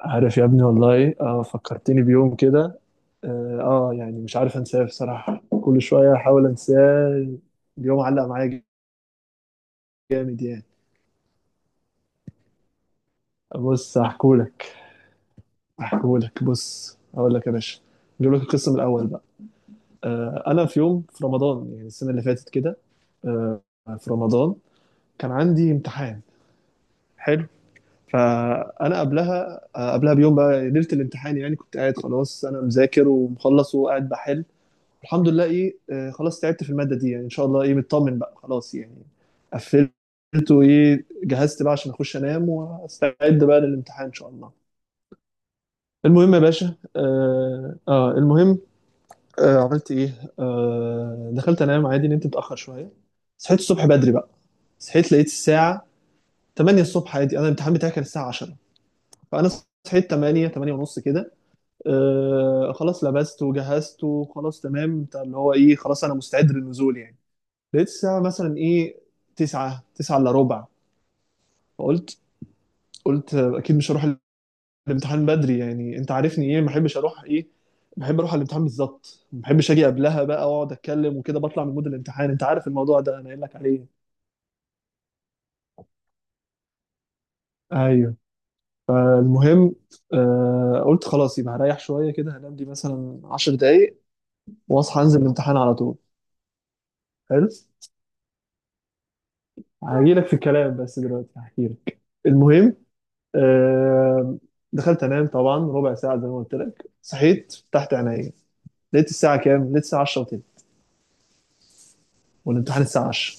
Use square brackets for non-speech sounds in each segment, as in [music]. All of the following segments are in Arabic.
عارف يا ابني والله ايه فكرتني بيوم كده. يعني مش عارف انساه بصراحة، كل شوية احاول انساه. اليوم علق معايا جامد يعني. بص هحكولك هحكولك بص هقول لك يا باشا، نجيب لك القصة من الاول بقى. انا في يوم في رمضان، يعني السنة اللي فاتت كده، آه في رمضان كان عندي امتحان. حلو. فانا قبلها، قبلها بيوم بقى، ليلة الامتحان يعني، كنت قاعد خلاص، انا مذاكر ومخلص وقاعد بحل، الحمد لله. ايه آه، خلاص تعبت في المادة دي يعني، ان شاء الله مطمن بقى خلاص يعني. قفلت وايه جهزت بقى عشان اخش انام واستعد بقى للامتحان ان شاء الله. المهم يا باشا، المهم، عملت ايه؟ دخلت انام عادي، نمت متأخر شوية. صحيت الصبح بدري بقى. صحيت لقيت الساعة 8 الصبح عادي، انا الامتحان بتاعي كان الساعة 10. فانا صحيت 8 ونص كده. خلاص لبست وجهزت، وخلاص تمام بتاع اللي هو ايه، خلاص انا مستعد للنزول يعني. لقيت الساعة مثلا إيه، تسعة، تسعة إلا ربع. فقلت قلت أكيد مش هروح الامتحان بدري يعني. أنت عارفني، إيه، ما بحبش أروح بحب أروح على الامتحان بالظبط، ما بحبش أجي قبلها بقى وأقعد أتكلم وكده بطلع من مود الامتحان، أنت عارف الموضوع ده أنا قايل لك عليه. ايوه. المهم، قلت خلاص يبقى هريح شويه كده، هنام دي مثلا 10 دقايق واصحى انزل الامتحان على طول. حلو، هجي لك في الكلام بس دلوقتي هحكي لك. المهم، آه، دخلت انام طبعا ربع ساعه. زي ما قلت لك، صحيت فتحت عيني لقيت الساعه كام؟ لقيت الساعه 10 وتلت، والامتحان الساعه 10.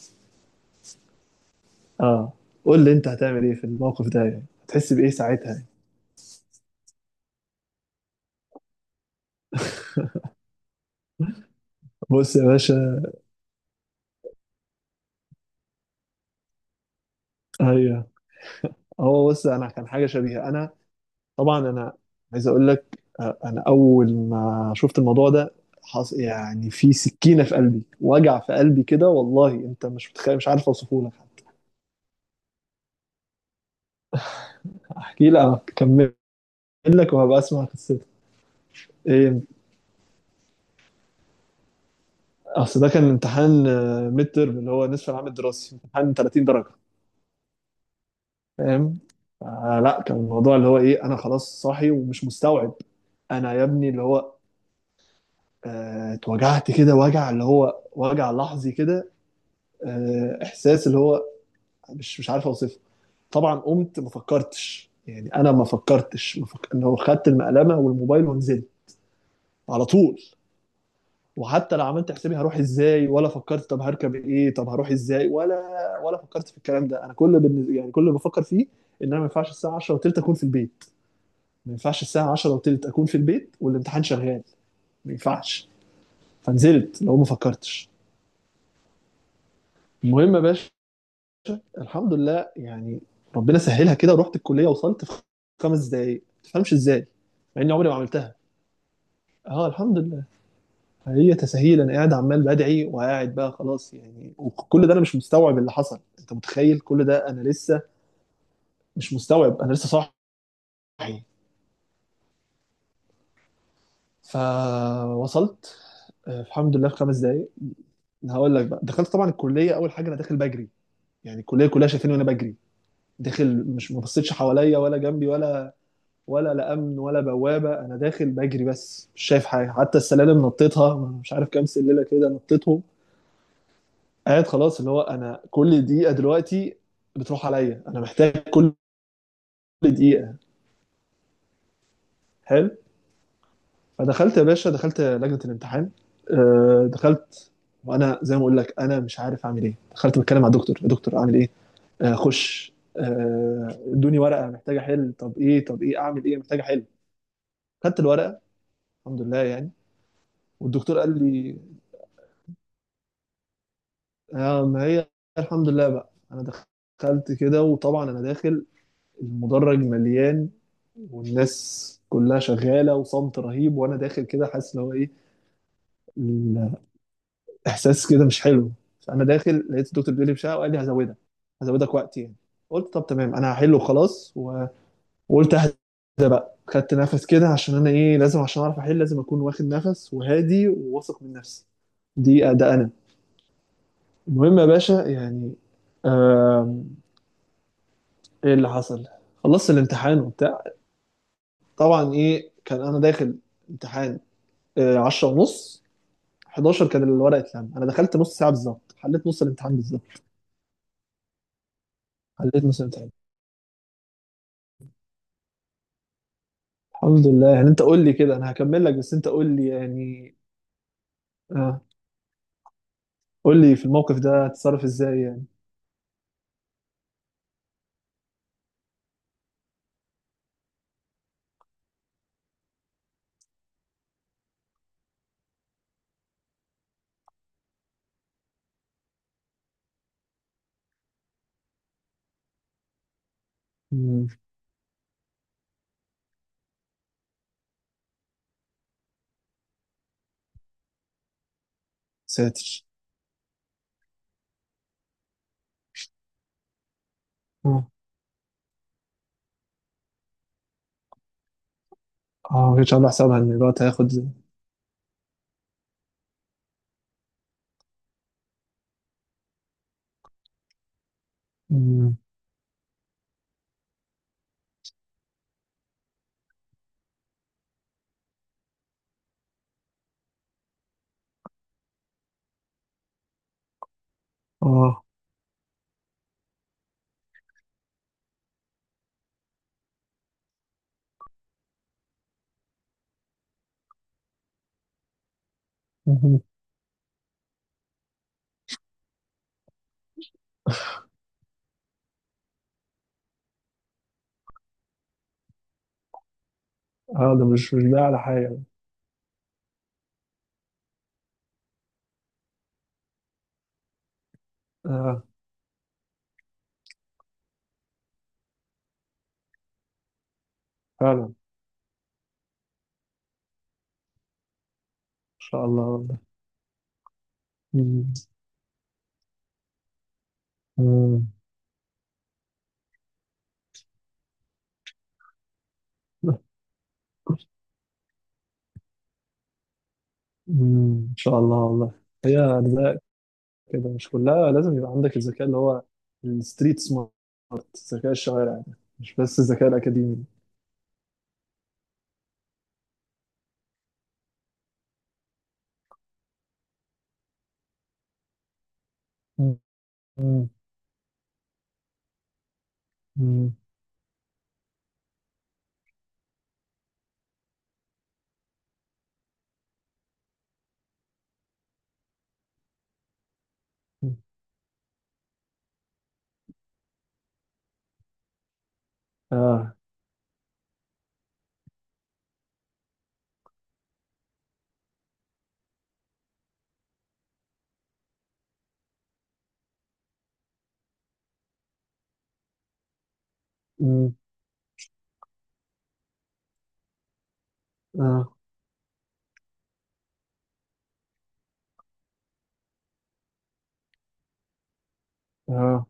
اه، قول لي انت هتعمل ايه في الموقف ده يعني؟ هتحس بايه ساعتها يعني؟ [laughs] بص يا باشا. ايوه. هو بص، انا كان حاجه شبيهه. انا طبعا انا عايز اقول لك، انا اول ما شفت الموضوع ده يعني في سكينه في قلبي، وجع في قلبي كده، والله انت مش متخيل، مش عارف اوصفه لك حتى. احكي لك، اكمل لك وهبقى اسمع قصتك. ايه، اصل ده كان امتحان ميد ترم، اللي هو نصف العام الدراسي، امتحان 30 درجه. فاهم؟ فلا، كان الموضوع اللي هو ايه، انا خلاص صاحي ومش مستوعب. انا يا ابني اللي هو اتوجعت كده، وجع اللي هو وجع لحظي كده. احساس اللي هو مش عارف اوصفه. طبعا قمت ما فكرتش يعني، انا ما فكرتش، ما فك... اللي هو خدت المقلمه والموبايل ونزلت على طول. وحتى لو عملت حسابي هروح ازاي، ولا فكرت طب هركب ايه، طب هروح ازاي، ولا فكرت في الكلام ده. انا كل بالنسبة يعني، كل اللي بفكر فيه ان انا ما ينفعش الساعه 10 وتلت اكون في البيت، ما ينفعش الساعه 10 وتلت اكون في البيت والامتحان شغال، ما ينفعش. فنزلت لو ما فكرتش. المهم يا باشا، الحمد لله يعني، ربنا سهلها كده ورحت الكليه، وصلت في خمس دقايق ما تفهمش ازاي، مع اني عمري ما عملتها. اه الحمد لله. هي تساهيل. انا قاعد عمال بدعي وقاعد بقى خلاص يعني، وكل ده انا مش مستوعب اللي حصل. انت متخيل؟ كل ده انا لسه مش مستوعب، انا لسه صاحي. فوصلت، الحمد لله في خمس دقايق. هقول لك بقى، دخلت طبعا الكليه، اول حاجه انا داخل بجري، يعني الكليه كلها شايفيني وانا بجري داخل. مش ما بصيتش حواليا ولا جنبي، ولا ولا لا امن ولا بوابه، انا داخل بجري بس مش شايف حاجه. حتى السلالم نطيتها، مش عارف كام سلالة كده نطيتهم. قاعد خلاص اللي هو انا كل دقيقه دلوقتي بتروح عليا، انا محتاج كل دقيقه. حلو. فدخلت يا باشا، دخلت لجنه الامتحان. دخلت وانا زي ما اقول لك انا مش عارف اعمل ايه. دخلت بتكلم مع الدكتور: يا دكتور اعمل ايه، اخش، ادوني ورقه محتاج احل، طب ايه، طب ايه اعمل ايه، محتاج احل. خدت الورقه، الحمد لله يعني. والدكتور قال لي ما هي. الحمد لله بقى، انا دخلت كده، وطبعا انا داخل المدرج مليان، والناس كلها شغاله وصمت رهيب، وانا داخل كده حاسس ان هو ايه، الاحساس كده مش حلو. فانا داخل، لقيت الدكتور بيقول لي بشقه، وقال لي هزودك، هزودك وقت يعني. قلت طب تمام، انا هحل وخلاص، وقلت اهدى بقى. خدت نفس كده عشان انا ايه لازم، عشان اعرف احل لازم اكون واخد نفس وهادي وواثق من نفسي. دي ده انا. المهم يا باشا يعني، آم، ايه اللي حصل، خلصت الامتحان وبتاع. طبعا ايه كان انا داخل امتحان، 10 ونص، 11 كان الورقه اتلم. انا دخلت نص ساعه بالظبط، حليت نص الامتحان بالظبط. حليت نص الامتحان، الحمد لله يعني. انت قول لي كده، انا هكمل لك بس انت قول لي يعني. آه قول لي في الموقف ده هتتصرف ازاي يعني. مم، ساتر. اه اه، ما كنتش عامل حسابها ان الوقت هياخد. مم، اه مهم. اه ده مش ده على حاجه. اه فعلا ان شاء الله والله. مم. مم. مم. ان شاء الله والله. هي كده، مش كلها لازم يبقى عندك الذكاء اللي هو الستريت سمارت، ذكاء الشوارع ده، مش بس الذكاء الأكاديمي. مم. مم. مم. آه مم. آه آه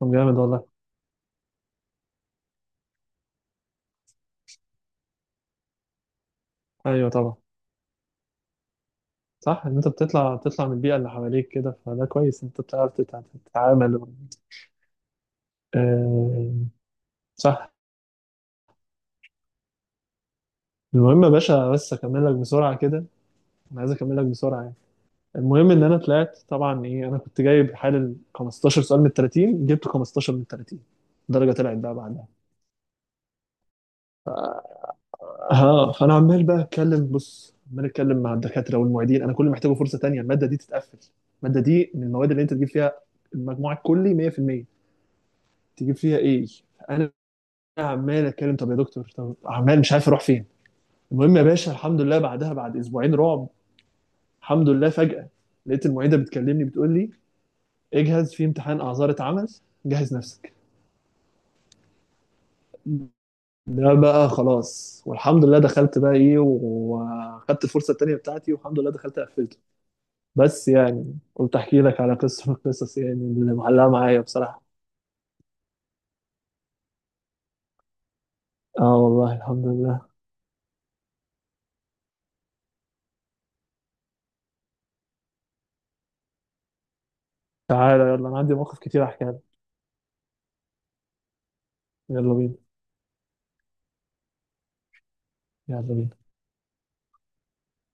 طب جامد والله. أيوه طبعا، صح، إن أنت بتطلع من البيئة اللي حواليك كده، فده كويس، أنت بتعرف تتعامل. آه صح. المهم يا باشا، بس أكمل لك بسرعة كده، أنا عايز أكمل لك بسرعة يعني. المهم ان انا طلعت، طبعا ايه، انا كنت جايب حالل 15 سؤال من 30، جبت 15 من 30 درجه. طلعت بقى بعدها. اه فانا عمال بقى اتكلم، بص عمال اتكلم مع الدكاتره والمعيدين، انا كل ما محتاجه فرصه تانية الماده دي تتقفل، الماده دي من المواد اللي انت تجيب فيها المجموع الكلي 100%، تجيب فيها ايه. انا عمال اتكلم طب يا دكتور طب، عمال مش عارف اروح فين. المهم يا باشا، الحمد لله بعدها بعد اسبوعين رعب الحمد لله فجاه لقيت المعيده بتكلمني بتقول لي اجهز، في امتحان اعذار اتعمل، جهز نفسك. ده بقى خلاص، والحمد لله دخلت بقى ايه وخدت الفرصه التانيه بتاعتي، والحمد لله دخلت قفلته. بس يعني قلت احكي لك على قصه من القصص يعني اللي معلقه معايا بصراحه. اه والله الحمد لله. تعالى يلا، انا عندي مواقف كتير احكيها لك. يلا بينا. يلا بينا